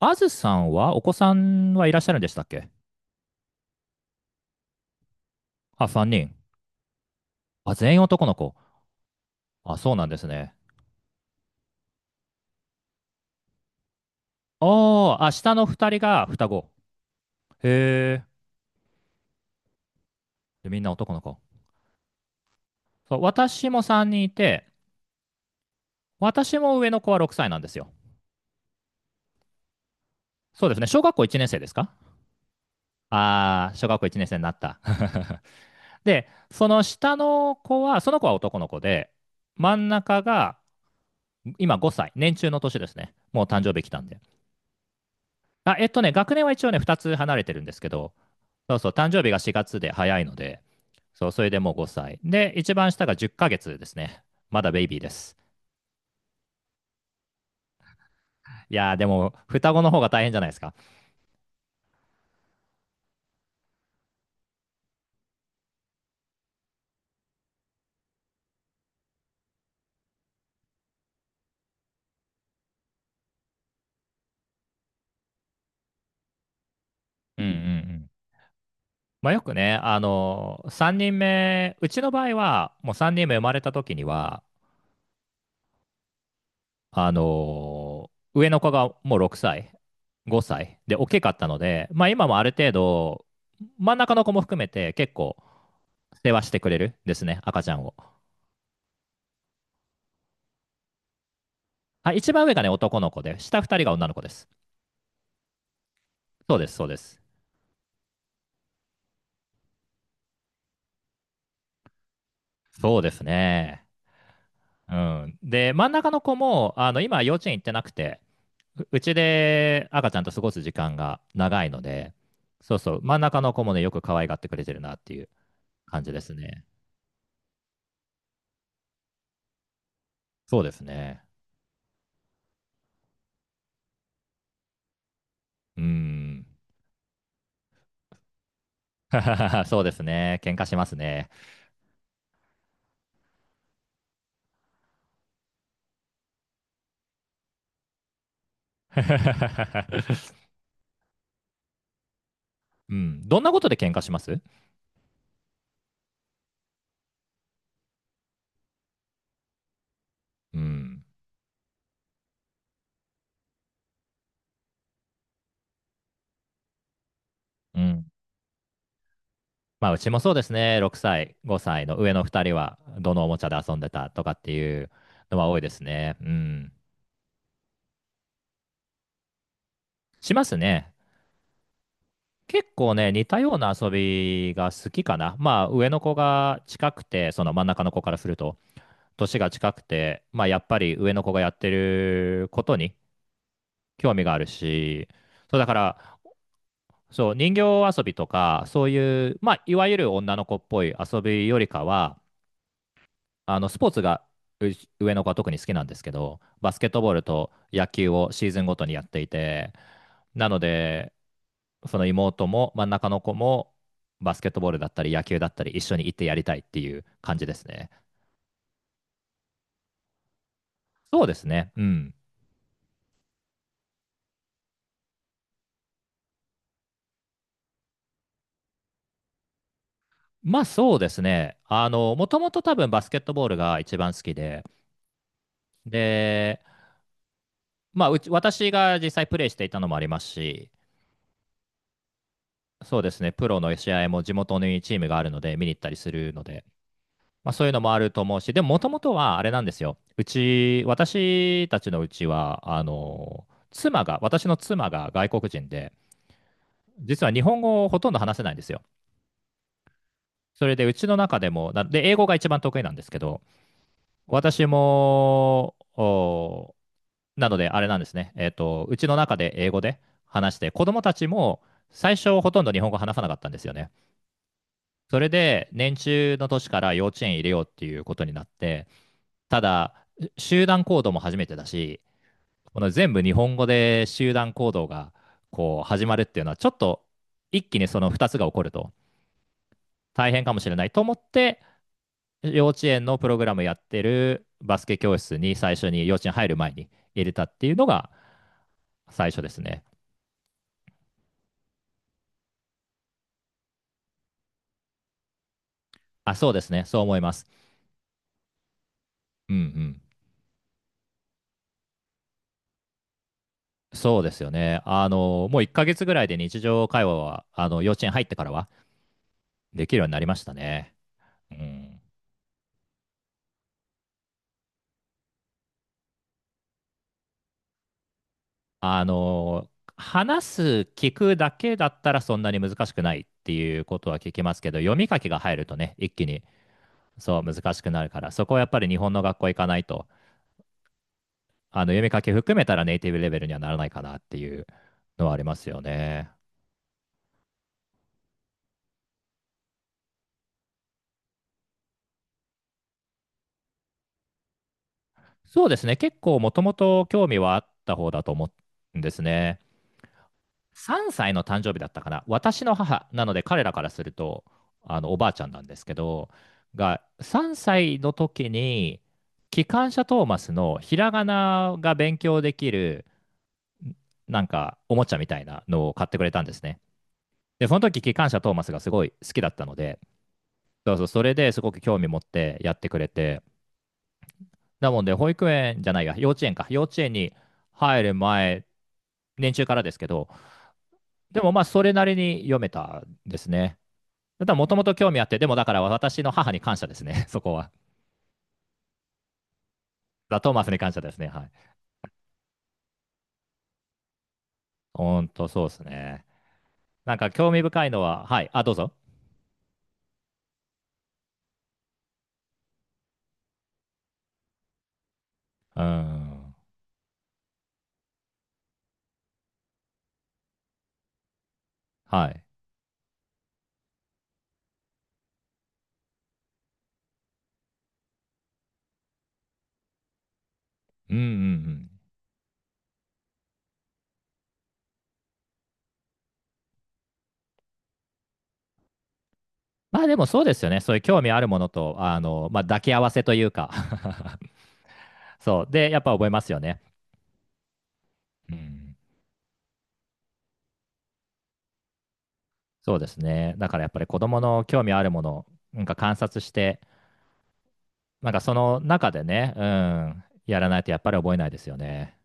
あずさんは、お子さんはいらっしゃるんでしたっけ？あ、3人。あ、全員男の子。あ、そうなんですね。おー、あ、下の2人が双子。へえ。で、みんな男の子。そう、私も3人いて、私も上の子は6歳なんですよ。そうですね。小学校1年生ですか？ああー、小学校1年生になった。で、その下の子は、その子は男の子で、真ん中が今5歳。年中の年ですね。もう誕生日来たんで。あ、学年は一応ね、2つ離れてるんですけど、そうそう、誕生日が4月で早いので、そう、それでもう5歳。で、一番下が10ヶ月ですね。まだベイビーです。いやー、でも、双子の方が大変じゃないですか。うんうんうん。まあ、よくね、3人目、うちの場合は、もう3人目生まれた時には、上の子がもう6歳、5歳で、大きかったので、まあ、今もある程度、真ん中の子も含めて結構、世話してくれるですね、赤ちゃんを。あ、一番上がね、男の子で、下2人が女の子です。そうです、そうです。そうですね。うん。で、真ん中の子も、今、幼稚園行ってなくて、ううちで赤ちゃんと過ごす時間が長いので、そうそう、真ん中の子もね、よく可愛がってくれてるなっていう感じですね。そうですね。うん。そうですね。喧嘩しますね。うん。どんなことで喧嘩します？うん。うん。まあ、うちもそうですね。6歳、5歳の上の2人は、どのおもちゃで遊んでたとかっていうのは多いですね。うん。しますね。結構ね、似たような遊びが好きかな。まあ、上の子が近くて、その真ん中の子からすると、年が近くて、まあ、やっぱり上の子がやってることに興味があるし、そうだから、そう、人形遊びとか、そういう、まあ、いわゆる女の子っぽい遊びよりかは、スポーツがう上の子は特に好きなんですけど、バスケットボールと野球をシーズンごとにやっていて、なので、その妹も真ん中の子もバスケットボールだったり野球だったり一緒に行ってやりたいっていう感じですね。そうですね。うん。まあそうですね。あの、もともと多分バスケットボールが一番好きで、で、まあうち、私が実際プレイしていたのもありますし、そうですね、プロの試合も地元にチームがあるので見に行ったりするので、まあそういうのもあると思うし、でももともとはあれなんですよ。うち、私たちのうちは、妻が、私の妻が外国人で、実は日本語をほとんど話せないんですよ。それでうちの中でも、なで英語が一番得意なんですけど、私も、なのであれなんですね、うちの中で英語で話して、子供たちも最初ほとんど日本語話さなかったんですよね。それで年中の年から幼稚園入れようっていうことになって、ただ集団行動も初めてだし、この全部日本語で集団行動がこう始まるっていうのはちょっと一気にその二つが起こると大変かもしれないと思って幼稚園のプログラムやってるバスケ教室に最初に幼稚園入る前に入れたっていうのが最初ですね。あ、そうですね。そう思います。うんうん。そうですよね。あの、もう1ヶ月ぐらいで日常会話は、幼稚園入ってからはできるようになりましたね。うん。あの、話す、聞くだけだったらそんなに難しくないっていうことは聞きますけど、読み書きが入るとね、一気にそう難しくなるから、そこはやっぱり日本の学校行かないとあの、読み書き含めたらネイティブレベルにはならないかなっていうのはありますよね。そうですね。結構もともと興味はあった方だと思うんですね。3歳の誕生日だったかな。私の母なので彼らからすると、おばあちゃんなんですけど、が、3歳の時に、機関車トーマスのひらがなが勉強できる、なんか、おもちゃみたいなのを買ってくれたんですね。で、その時、機関車トーマスがすごい好きだったので、そうそう、それですごく興味持ってやってくれて。なので、保育園じゃないや、幼稚園か。幼稚園に入る前、年中からですけど、でもまあ、それなりに読めたんですね。ただ、もともと興味あって、でもだから私の母に感謝ですね、そこは。ザ・トーマスに感謝ですね。はい。ほんと、そうですね。なんか興味深いのは、はい。あ、どうぞ。うーん。はい。うんうんうん。まあでもそうですよね。そういう興味あるものと、まあ抱き合わせというか。 そう。で、やっぱ覚えますよね。うん。そうですね。だからやっぱり子供の興味あるもの、なんか観察して、なんかその中でね、うん、やらないとやっぱり覚えないですよね。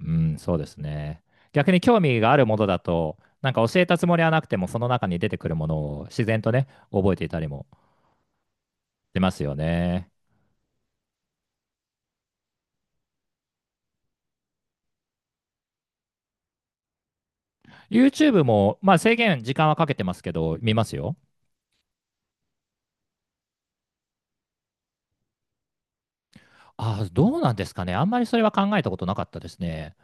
うん、そうですね。逆に興味があるものだと、なんか教えたつもりはなくても、その中に出てくるものを自然とね、覚えていたりもしますよね。YouTube も、まあ制限、時間はかけてますけど、見ますよ。ああ、どうなんですかね。あんまりそれは考えたことなかったですね。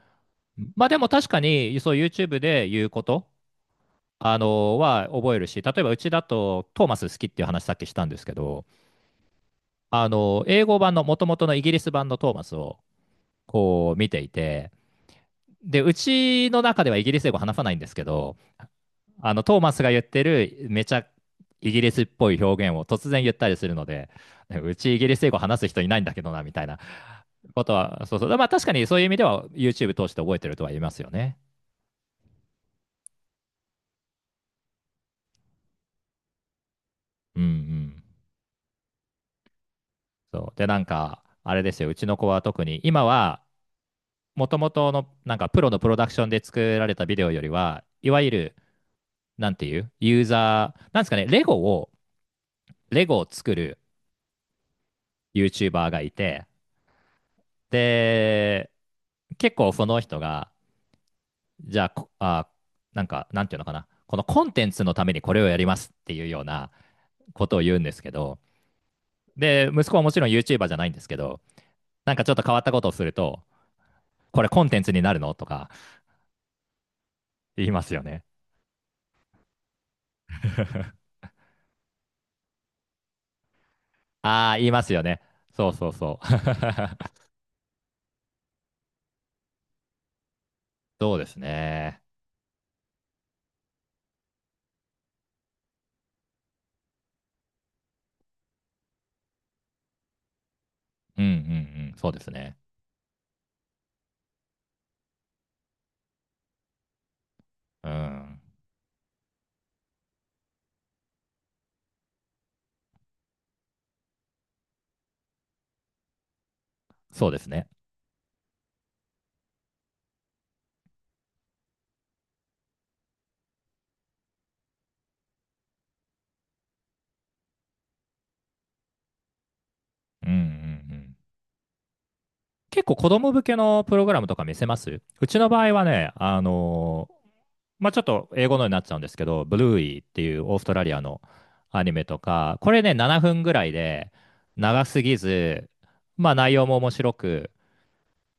まあでも確かに、そう YouTube で言うことあのは覚えるし、例えばうちだとトーマス好きっていう話さっきしたんですけど、あの英語版の元々のイギリス版のトーマスをこう見ていて、で、うちの中ではイギリス英語話さないんですけど、あのトーマスが言ってるめちゃイギリスっぽい表現を突然言ったりするので、うちイギリス英語話す人いないんだけどなみたいなことは、そうそう、まあ確かにそういう意味では YouTube 通して覚えてるとは言いますよね。うんうん。そうで、なんか、あれですよ、うちの子は特に今はもともとのなんかプロのプロダクションで作られたビデオよりは、いわゆる、なんていうユーザー、なんですかね、レゴを、作る YouTuber がいて、で、結構その人が、じゃあ、こあ、なんか、なんていうのかな、このコンテンツのためにこれをやりますっていうようなことを言うんですけど、で、息子はもちろん YouTuber じゃないんですけど、なんかちょっと変わったことをすると、これコンテンツになるのとか言いますよね。ああ、言いますよね。そうそうそう。そうですね。うんうんうん。そうですね。うん。そうですね。うんうんうん。結構子供向けのプログラムとか見せますうちの場合はね、まあ、ちょっと英語のになっちゃうんですけど、ブルーイーっていうオーストラリアのアニメとか、これね、7分ぐらいで長すぎず、まあ内容も面白く、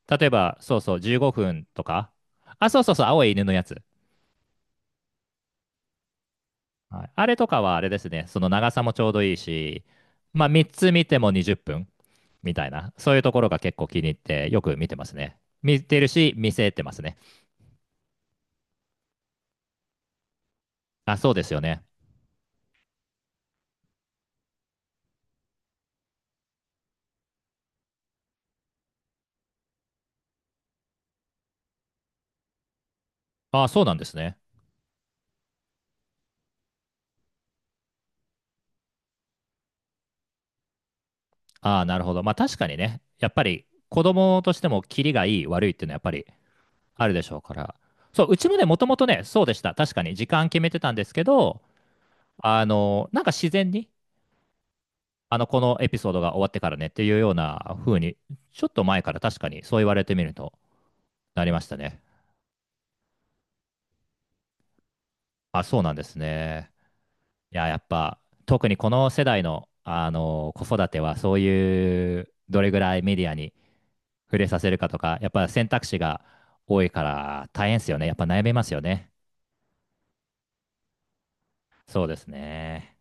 例えば、そうそう、15分とか、あ、そうそうそう、青い犬のやつ。はい、あれとかはあれですね、その長さもちょうどいいし、まあ3つ見ても20分みたいな、そういうところが結構気に入ってよく見てますね。見てるし、見せてますね。あ、そうですよね。あ、そうなんですね。あ、なるほど。まあ確かにね、やっぱり子供としてもキリがいい悪いっていうのはやっぱりあるでしょうから。そう、うちもね、もともとね、そうでした。確かに時間決めてたんですけど、なんか自然に、このエピソードが終わってからねっていうような風に、ちょっと前から確かにそう言われてみると、なりましたね。あ、そうなんですね。いや、やっぱ、特にこの世代の、子育ては、そういう、どれぐらいメディアに触れさせるかとか、やっぱ選択肢が多いから大変ですよね。やっぱ悩みますよね。そうですね。